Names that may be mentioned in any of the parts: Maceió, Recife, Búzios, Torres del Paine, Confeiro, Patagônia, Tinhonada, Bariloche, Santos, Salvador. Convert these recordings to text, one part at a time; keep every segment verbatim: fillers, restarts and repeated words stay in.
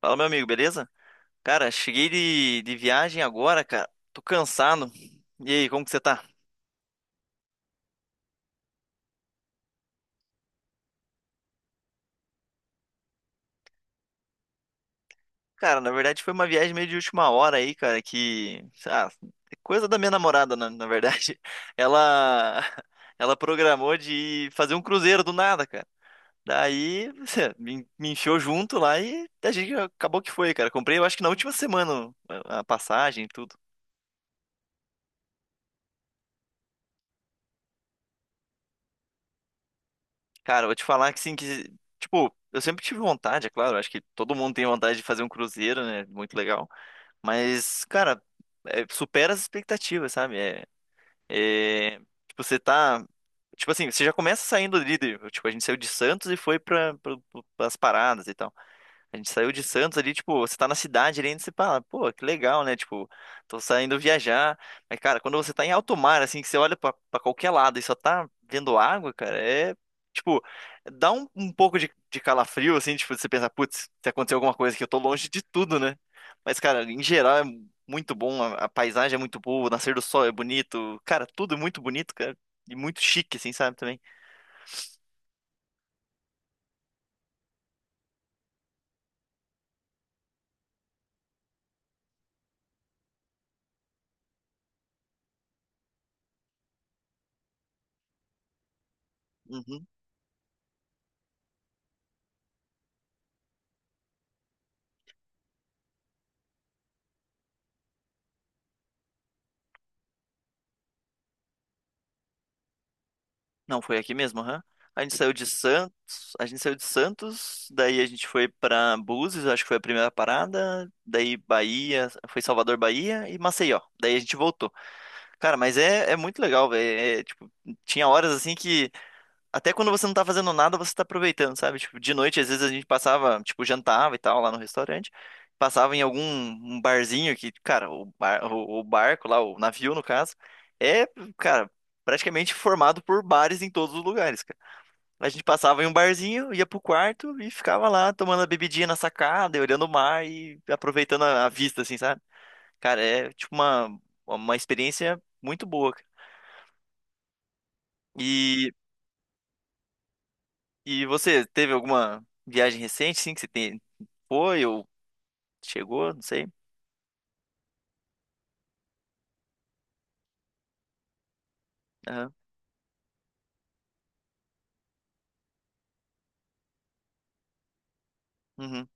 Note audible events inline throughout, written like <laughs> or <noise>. Fala, meu amigo, beleza? Cara, cheguei de, de viagem agora, cara. Tô cansado. E aí, como que você tá? Cara, na verdade foi uma viagem meio de última hora aí, cara, que, ah, é coisa da minha namorada, na, na verdade. <laughs> Ela ela programou de fazer um cruzeiro do nada, cara. Daí <laughs> me, me enfiou junto lá e a gente acabou que foi, cara. Comprei, eu acho que na última semana a a passagem, e tudo. Cara, eu vou te falar que sim, que, tipo, eu sempre tive vontade, é claro, acho que todo mundo tem vontade de fazer um cruzeiro, né? Muito legal. Mas, cara, é, supera as expectativas, sabe? É, é, tipo, você tá. Tipo assim, você já começa saindo líder. Tipo, a gente saiu de Santos e foi pra, pra, as paradas e tal. A gente saiu de Santos ali, tipo, você tá na cidade ali, e você fala, pô, que legal, né? Tipo, tô saindo viajar. Mas, cara, quando você tá em alto mar, assim, que você olha pra, pra qualquer lado e só tá vendo água, cara, é. Tipo, dá um, um pouco de, de calafrio, assim, tipo, você pensa, putz, se acontecer alguma coisa que eu tô longe de tudo, né? Mas, cara, em geral é muito bom, a, a paisagem é muito boa, o nascer do sol é bonito, cara, tudo é muito bonito, cara, e muito chique, assim, sabe, também. Uhum. Não, foi aqui mesmo, aham. A gente saiu de Santos, a gente saiu de Santos, daí a gente foi pra Búzios, acho que foi a primeira parada, daí Bahia, foi Salvador, Bahia e Maceió. Daí a gente voltou. Cara, mas é, é muito legal, velho. É, é, tipo, tinha horas assim que até quando você não tá fazendo nada, você tá aproveitando, sabe? Tipo, de noite, às vezes a gente passava, tipo, jantava e tal lá no restaurante, passava em algum um barzinho que, cara, o, bar, o, o barco lá, o navio no caso, é, cara, praticamente formado por bares em todos os lugares, cara. A gente passava em um barzinho, ia pro quarto e ficava lá tomando a bebidinha na sacada, e olhando o mar e aproveitando a, a vista, assim, sabe? Cara, é tipo uma, uma experiência muito boa, cara. E E você teve alguma viagem recente, sim, que você tem... foi ou chegou, não sei. Aham. Uhum.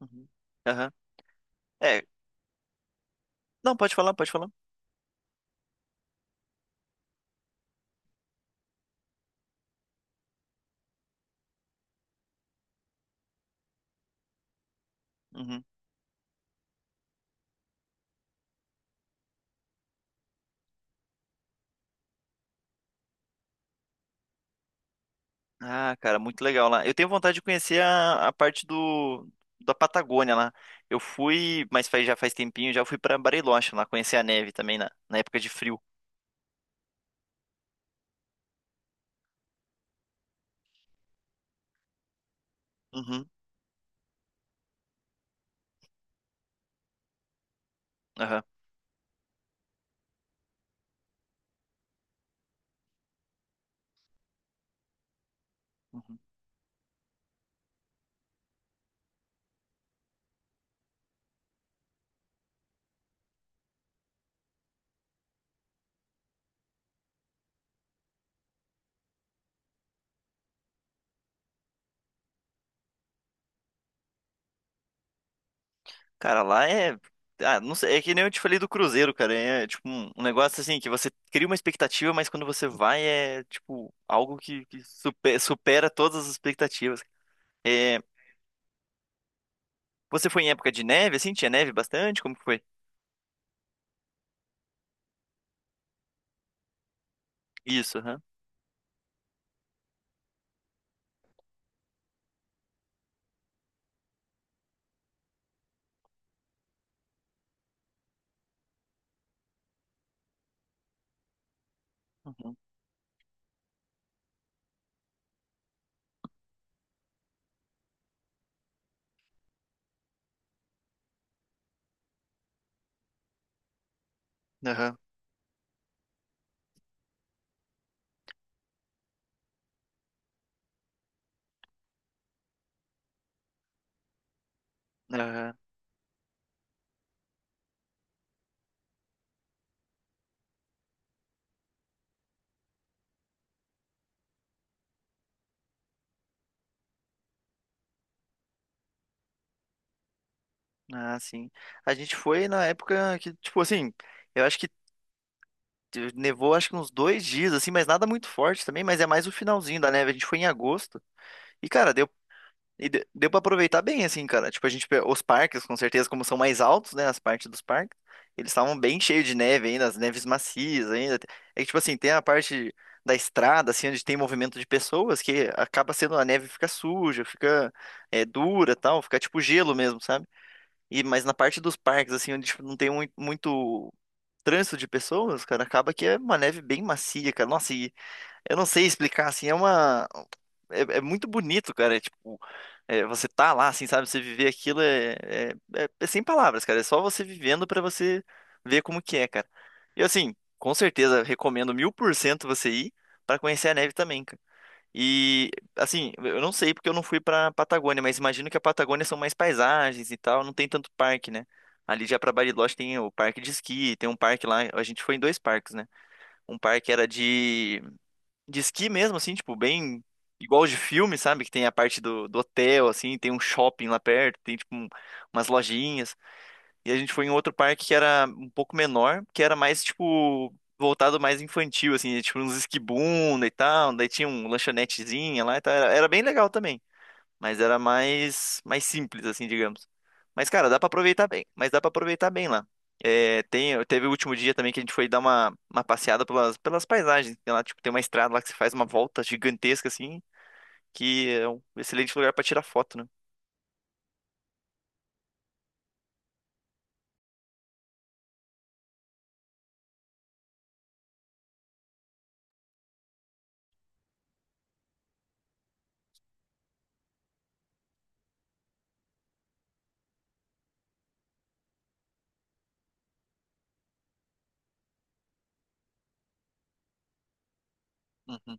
Uhum. Aham. É, não, pode falar, pode falar. Uhum. Ah, cara, muito legal lá. Eu tenho vontade de conhecer a, a parte do da Patagônia lá. Eu fui, mas faz, já faz tempinho, já fui pra Bariloche lá, conhecer a neve também na, na época de frio. Uhum. Aham. Uhum. Cara, lá é. Ah, não sei, é que nem eu te falei do Cruzeiro, cara. É tipo um, um negócio assim que você cria uma expectativa, mas quando você vai é tipo algo que, que supe- supera, todas as expectativas. É, você foi em época de neve, assim? Tinha neve bastante? Como que foi? Isso, aham. Uhum. Aham. Aham. Ah, sim. A gente foi na época que, tipo assim, eu acho que nevou acho que uns dois dias, assim, mas nada muito forte também, mas é mais o finalzinho da neve. A gente foi em agosto. E, cara, deu. E de- deu pra aproveitar bem, assim, cara. Tipo, a gente, pe- os parques, com certeza, como são mais altos, né, as partes dos parques, eles estavam bem cheios de neve ainda, as neves macias ainda. É que, tipo assim, tem a parte da estrada, assim, onde tem movimento de pessoas, que acaba sendo a neve fica suja, fica é, dura, tal, fica tipo gelo mesmo, sabe? E, mas na parte dos parques, assim, onde tipo, não tem mui- muito trânsito de pessoas, cara, acaba que é uma neve bem macia, cara. Nossa, eu não sei explicar, assim, é uma. É, é muito bonito, cara. É, tipo, é, você tá lá, assim, sabe? Você viver aquilo é, é, é- é sem palavras, cara. É só você vivendo pra você ver como que é, cara. E assim, com certeza, recomendo mil por cento você ir pra conhecer a neve também, cara. E assim, eu não sei porque eu não fui pra Patagônia, mas imagino que a Patagônia são mais paisagens e tal, não tem tanto parque, né? Ali já pra Bariloche tem o parque de esqui, tem um parque lá, a gente foi em dois parques, né? Um parque era de de esqui mesmo, assim, tipo, bem igual de filme, sabe? Que tem a parte do, do hotel, assim, tem um shopping lá perto, tem, tipo, um- umas lojinhas. E a gente foi em outro parque que era um pouco menor, que era mais, tipo, voltado mais infantil, assim, tipo, uns esquibunda e tal. Daí tinha um lanchonetezinha lá e tal. Era, era bem legal também. Mas era mais, mais simples, assim, digamos. Mas, cara, dá pra aproveitar bem. Mas dá pra aproveitar bem lá. É, tem, teve o último dia também que a gente foi dar uma, uma, passeada pelas, pelas paisagens. Tem lá, tipo, tem uma estrada lá que você faz uma volta gigantesca, assim, que é um excelente lugar pra tirar foto, né? Uhum,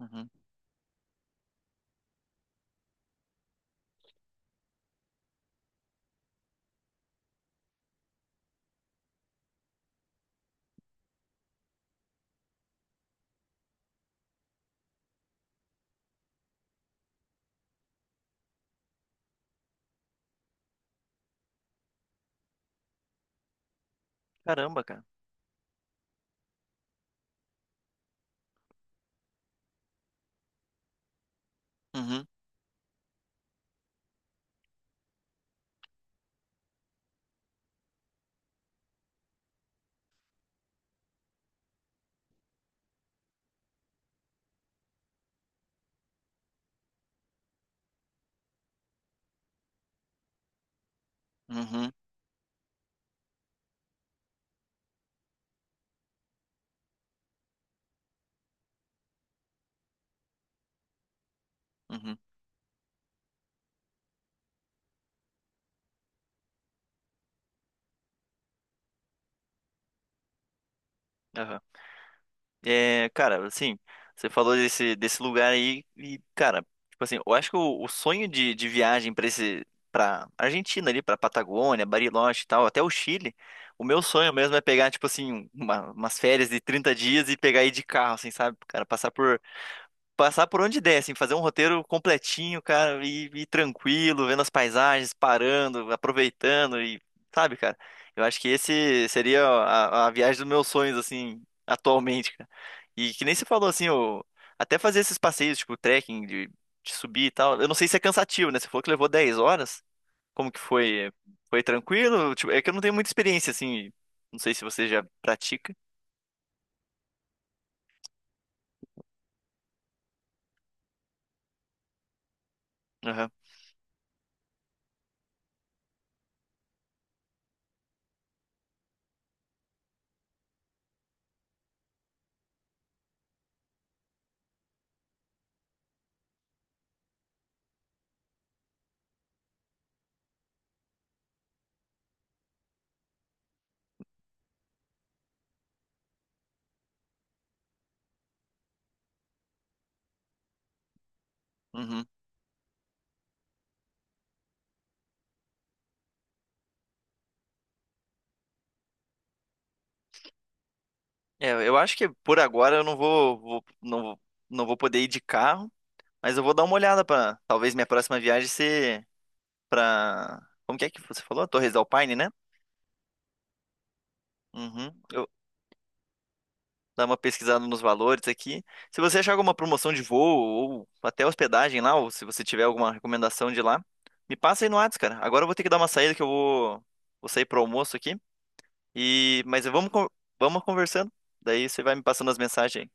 uhum. Caramba, cara. Uhum, uhum, uhum. Aham. É, cara, assim, você falou desse, desse lugar aí e, cara, tipo assim, eu acho que o, o sonho de, de viagem pra esse, para Argentina ali, pra Patagônia, Bariloche e tal, até o Chile, o meu sonho mesmo é pegar, tipo assim, uma- umas férias de trinta dias e pegar aí de carro, assim, sabe? Cara, passar por passar por onde der, assim, fazer um roteiro completinho, cara, e, e tranquilo, vendo as paisagens, parando, aproveitando e, sabe, cara, eu acho que esse seria a, a viagem dos meus sonhos, assim, atualmente, cara. E que nem você falou, assim, o, até fazer esses passeios, tipo, trekking, de, de subir e tal, eu não sei se é cansativo, né? Você falou que levou dez horas, como que foi? Foi tranquilo? Tipo, é que eu não tenho muita experiência, assim, não sei se você já pratica. Aham. Uhum. É, eu acho que por agora eu não vou, vou- não, vou- não vou poder ir de carro, mas eu vou dar uma olhada para talvez minha próxima viagem ser para como que é que você falou? Torres del Paine, né? Uhum. Eu dar uma pesquisada nos valores aqui. Se você achar alguma promoção de voo ou até hospedagem lá, ou se você tiver alguma recomendação de lá, me passa aí no Whats, cara. Agora eu vou ter que dar uma saída que eu vou, vou sair pro almoço aqui. E mas vamos con- vamos conversando. Daí você vai me passando as mensagens aí.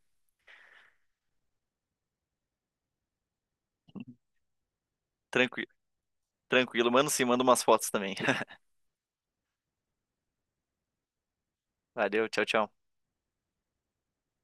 Tranquilo, tranquilo, mano. Sim, manda umas fotos também. Valeu, tchau, tchau.